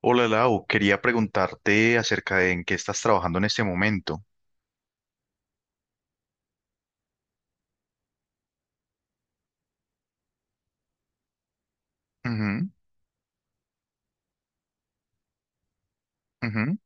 Hola Lau, quería preguntarte acerca de en qué estás trabajando en este momento. Ujú, ujú.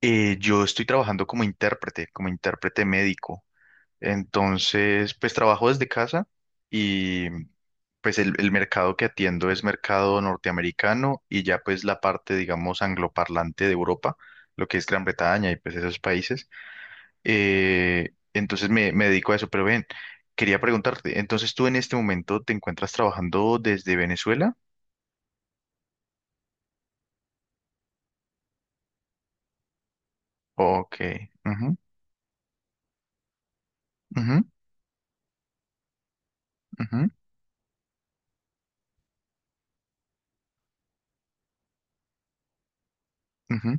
Yo estoy trabajando como intérprete médico. Entonces, pues trabajo desde casa y pues el mercado que atiendo es mercado norteamericano y ya pues la parte, digamos, angloparlante de Europa, lo que es Gran Bretaña y pues esos países. Entonces me dedico a eso, pero ven, quería preguntarte, entonces tú en este momento te encuentras trabajando desde Venezuela. Ok. Ujú, ujú, ujú, ujú.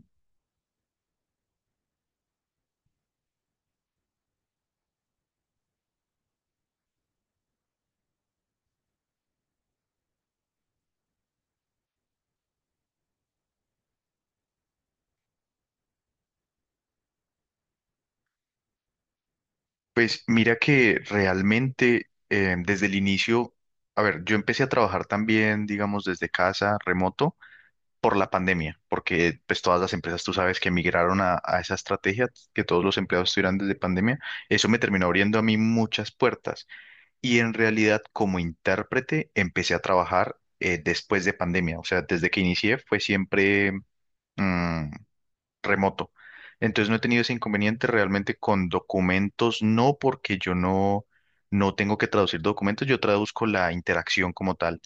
Pues mira que realmente desde el inicio, a ver, yo empecé a trabajar también, digamos, desde casa, remoto, por la pandemia, porque pues todas las empresas, tú sabes, que migraron a esa estrategia, que todos los empleados estuvieran desde pandemia, eso me terminó abriendo a mí muchas puertas. Y en realidad, como intérprete, empecé a trabajar después de pandemia, o sea, desde que inicié fue siempre... mm, remoto. Entonces no he tenido ese inconveniente realmente con documentos, no porque yo no, no tengo que traducir documentos, yo traduzco la interacción como tal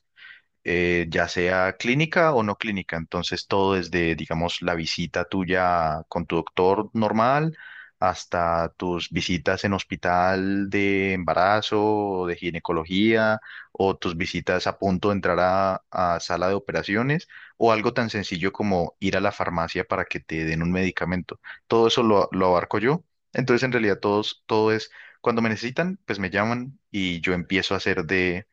ya sea clínica o no clínica. Entonces, todo desde, digamos, la visita tuya con tu doctor normal hasta tus visitas en hospital de embarazo o de ginecología o tus visitas a punto de entrar a sala de operaciones o algo tan sencillo como ir a la farmacia para que te den un medicamento. Todo eso lo abarco yo. Entonces, en realidad, todo es, cuando me necesitan, pues me llaman y yo empiezo a hacer de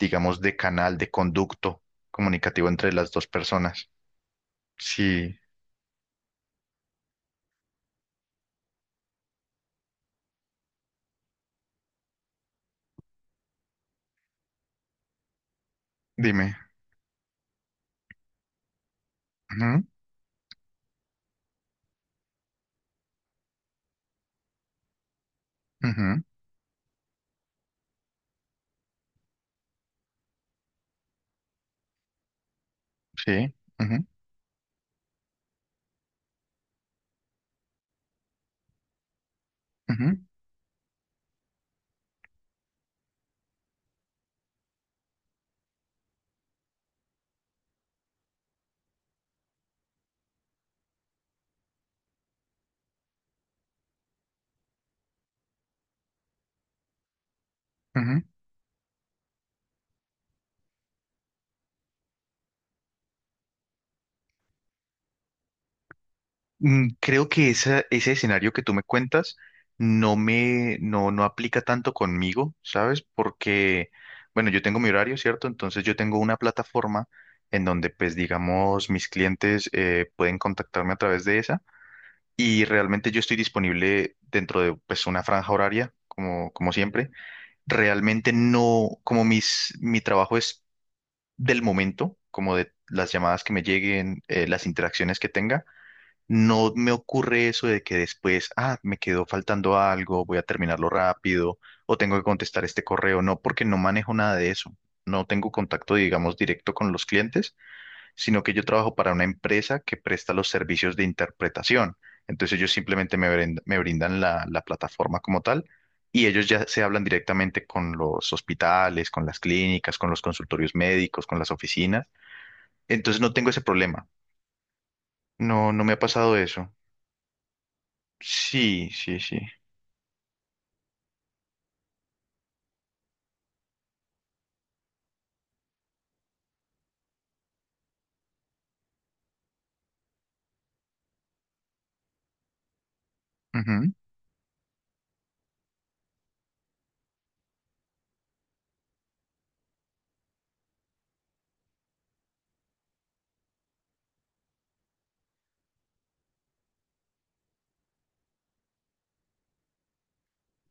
digamos, de canal, de conducto comunicativo entre las dos personas. Sí, dime. Ujú, ujú, sí, ujú, ujú, ujú. Creo que ese escenario que tú me cuentas no me, no, no aplica tanto conmigo, ¿sabes? Porque, bueno, yo tengo mi horario, ¿cierto? Entonces yo tengo una plataforma en donde, pues, digamos, mis clientes pueden contactarme a través de esa y realmente yo estoy disponible dentro de, pues, una franja horaria, como, como siempre realmente no, como mi trabajo es del momento, como de las llamadas que me lleguen, las interacciones que tenga, no me ocurre eso de que después, ah, me quedó faltando algo, voy a terminarlo rápido o tengo que contestar este correo. No, porque no manejo nada de eso. No tengo contacto, digamos, directo con los clientes sino que yo trabajo para una empresa que presta los servicios de interpretación. Entonces ellos simplemente me brindan la plataforma como tal y ellos ya se hablan directamente con los hospitales, con las clínicas, con los consultorios médicos, con las oficinas. Entonces no tengo ese problema. No, no me ha pasado eso. Sí, sí, sí. Ujú,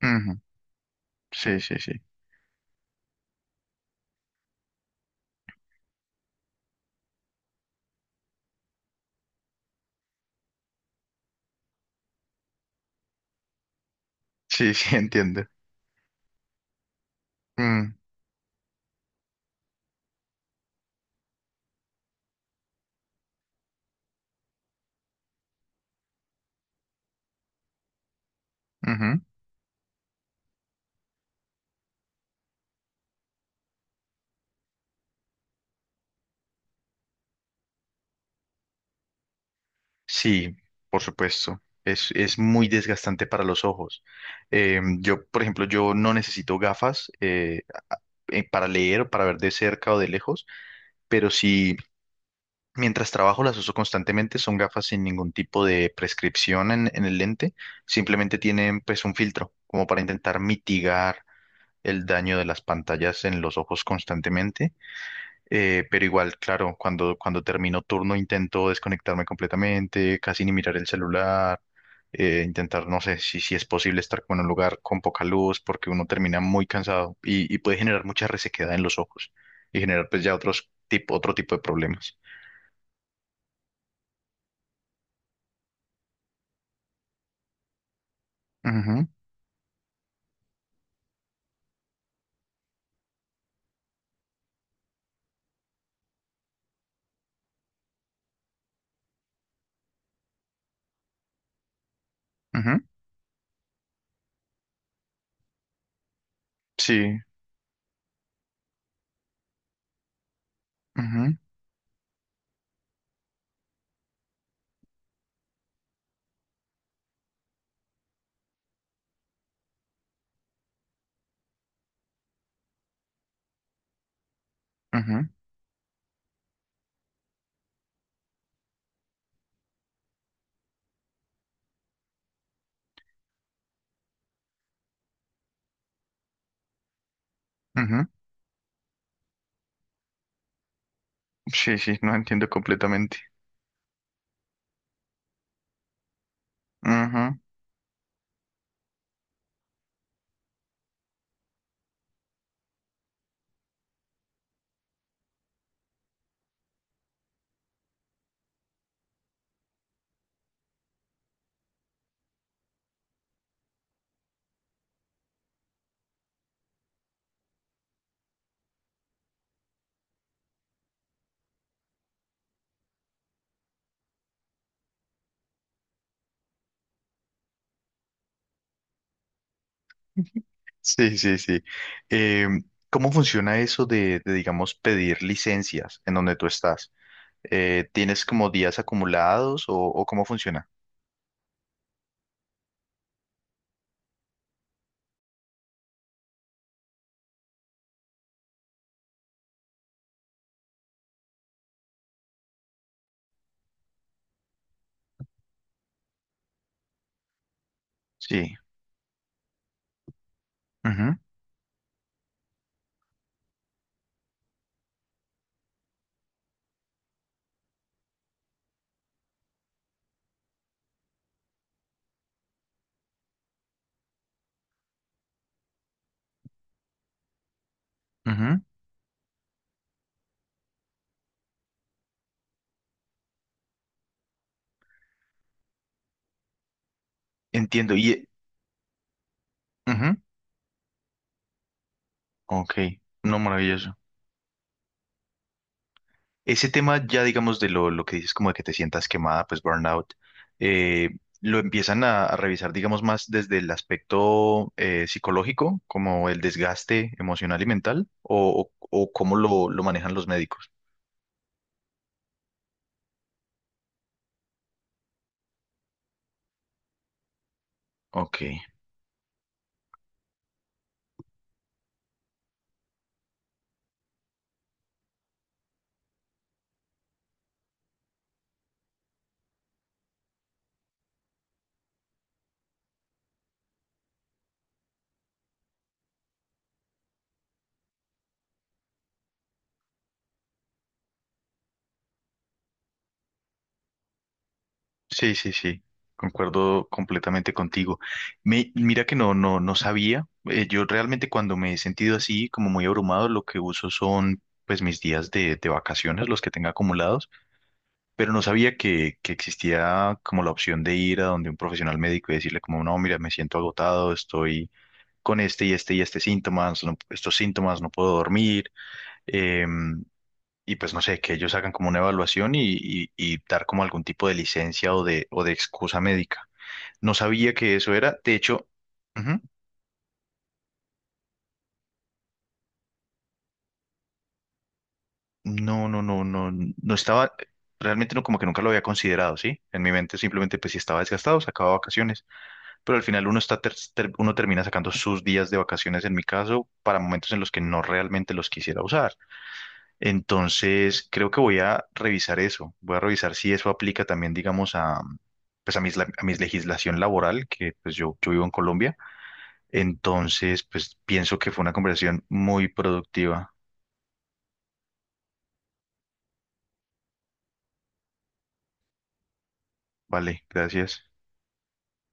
ujú. Sí, sí, sí. Sí, sí, entiendo. Mm, ujú. Sí, por supuesto. Es muy desgastante para los ojos. Yo, por ejemplo, yo no necesito gafas para leer o para ver de cerca o de lejos, pero sí, mientras trabajo las uso constantemente, son gafas sin ningún tipo de prescripción en el lente, simplemente tienen pues un filtro como para intentar mitigar el daño de las pantallas en los ojos constantemente pero igual, claro, cuando termino turno intento desconectarme completamente, casi ni mirar el celular, intentar, no sé, si es posible estar como en un lugar con poca luz, porque uno termina muy cansado y puede generar mucha resequedad en los ojos y generar pues ya otro tipo de problemas. Ujú, ujú, sí, ujú, ujú, ujú, sí, sí, no entiendo completamente. Ujú, sí, sí, sí. Em, ¿Cómo funciona eso digamos, pedir licencias en donde tú estás? ¿Tienes como días acumulados o cómo funciona? Sí. Ujú, ujú. Entiendo. Y, ujú, ok, no, maravilloso. Ese tema ya, digamos, de lo que dices, como de que te sientas quemada, pues burnout, eh, lo empiezan a revisar, digamos, más desde el aspecto psicológico, como el desgaste emocional y mental, o cómo lo manejan los médicos. Ok. Sí, sí, sí, concuerdo completamente contigo. Me, mira que no, no, no sabía. Eh, yo realmente cuando me he sentido así, como muy abrumado, lo que uso son pues mis días de vacaciones, los que tenga acumulados, pero no sabía que existía como la opción de ir a donde un profesional médico y decirle como, no, mira, me siento agotado, estoy con este y este y este síntomas, estos síntomas, no puedo dormir. em, y pues no sé, que ellos hagan como una evaluación y dar como algún tipo de licencia o de excusa médica. No sabía que eso era. De hecho, ujú, no, no, no, no, no estaba, realmente no, como que nunca lo había considerado, ¿sí? En mi mente simplemente, pues si estaba desgastado, sacaba vacaciones. Pero al final uno está, uno termina sacando sus días de vacaciones, en mi caso, para momentos en los que no realmente los quisiera usar. Entonces, creo que voy a revisar eso. Voy a revisar si eso aplica también, digamos, a, pues a a mis legislación laboral, que pues yo vivo en Colombia. Entonces, pues pienso que fue una conversación muy productiva. Vale, gracias.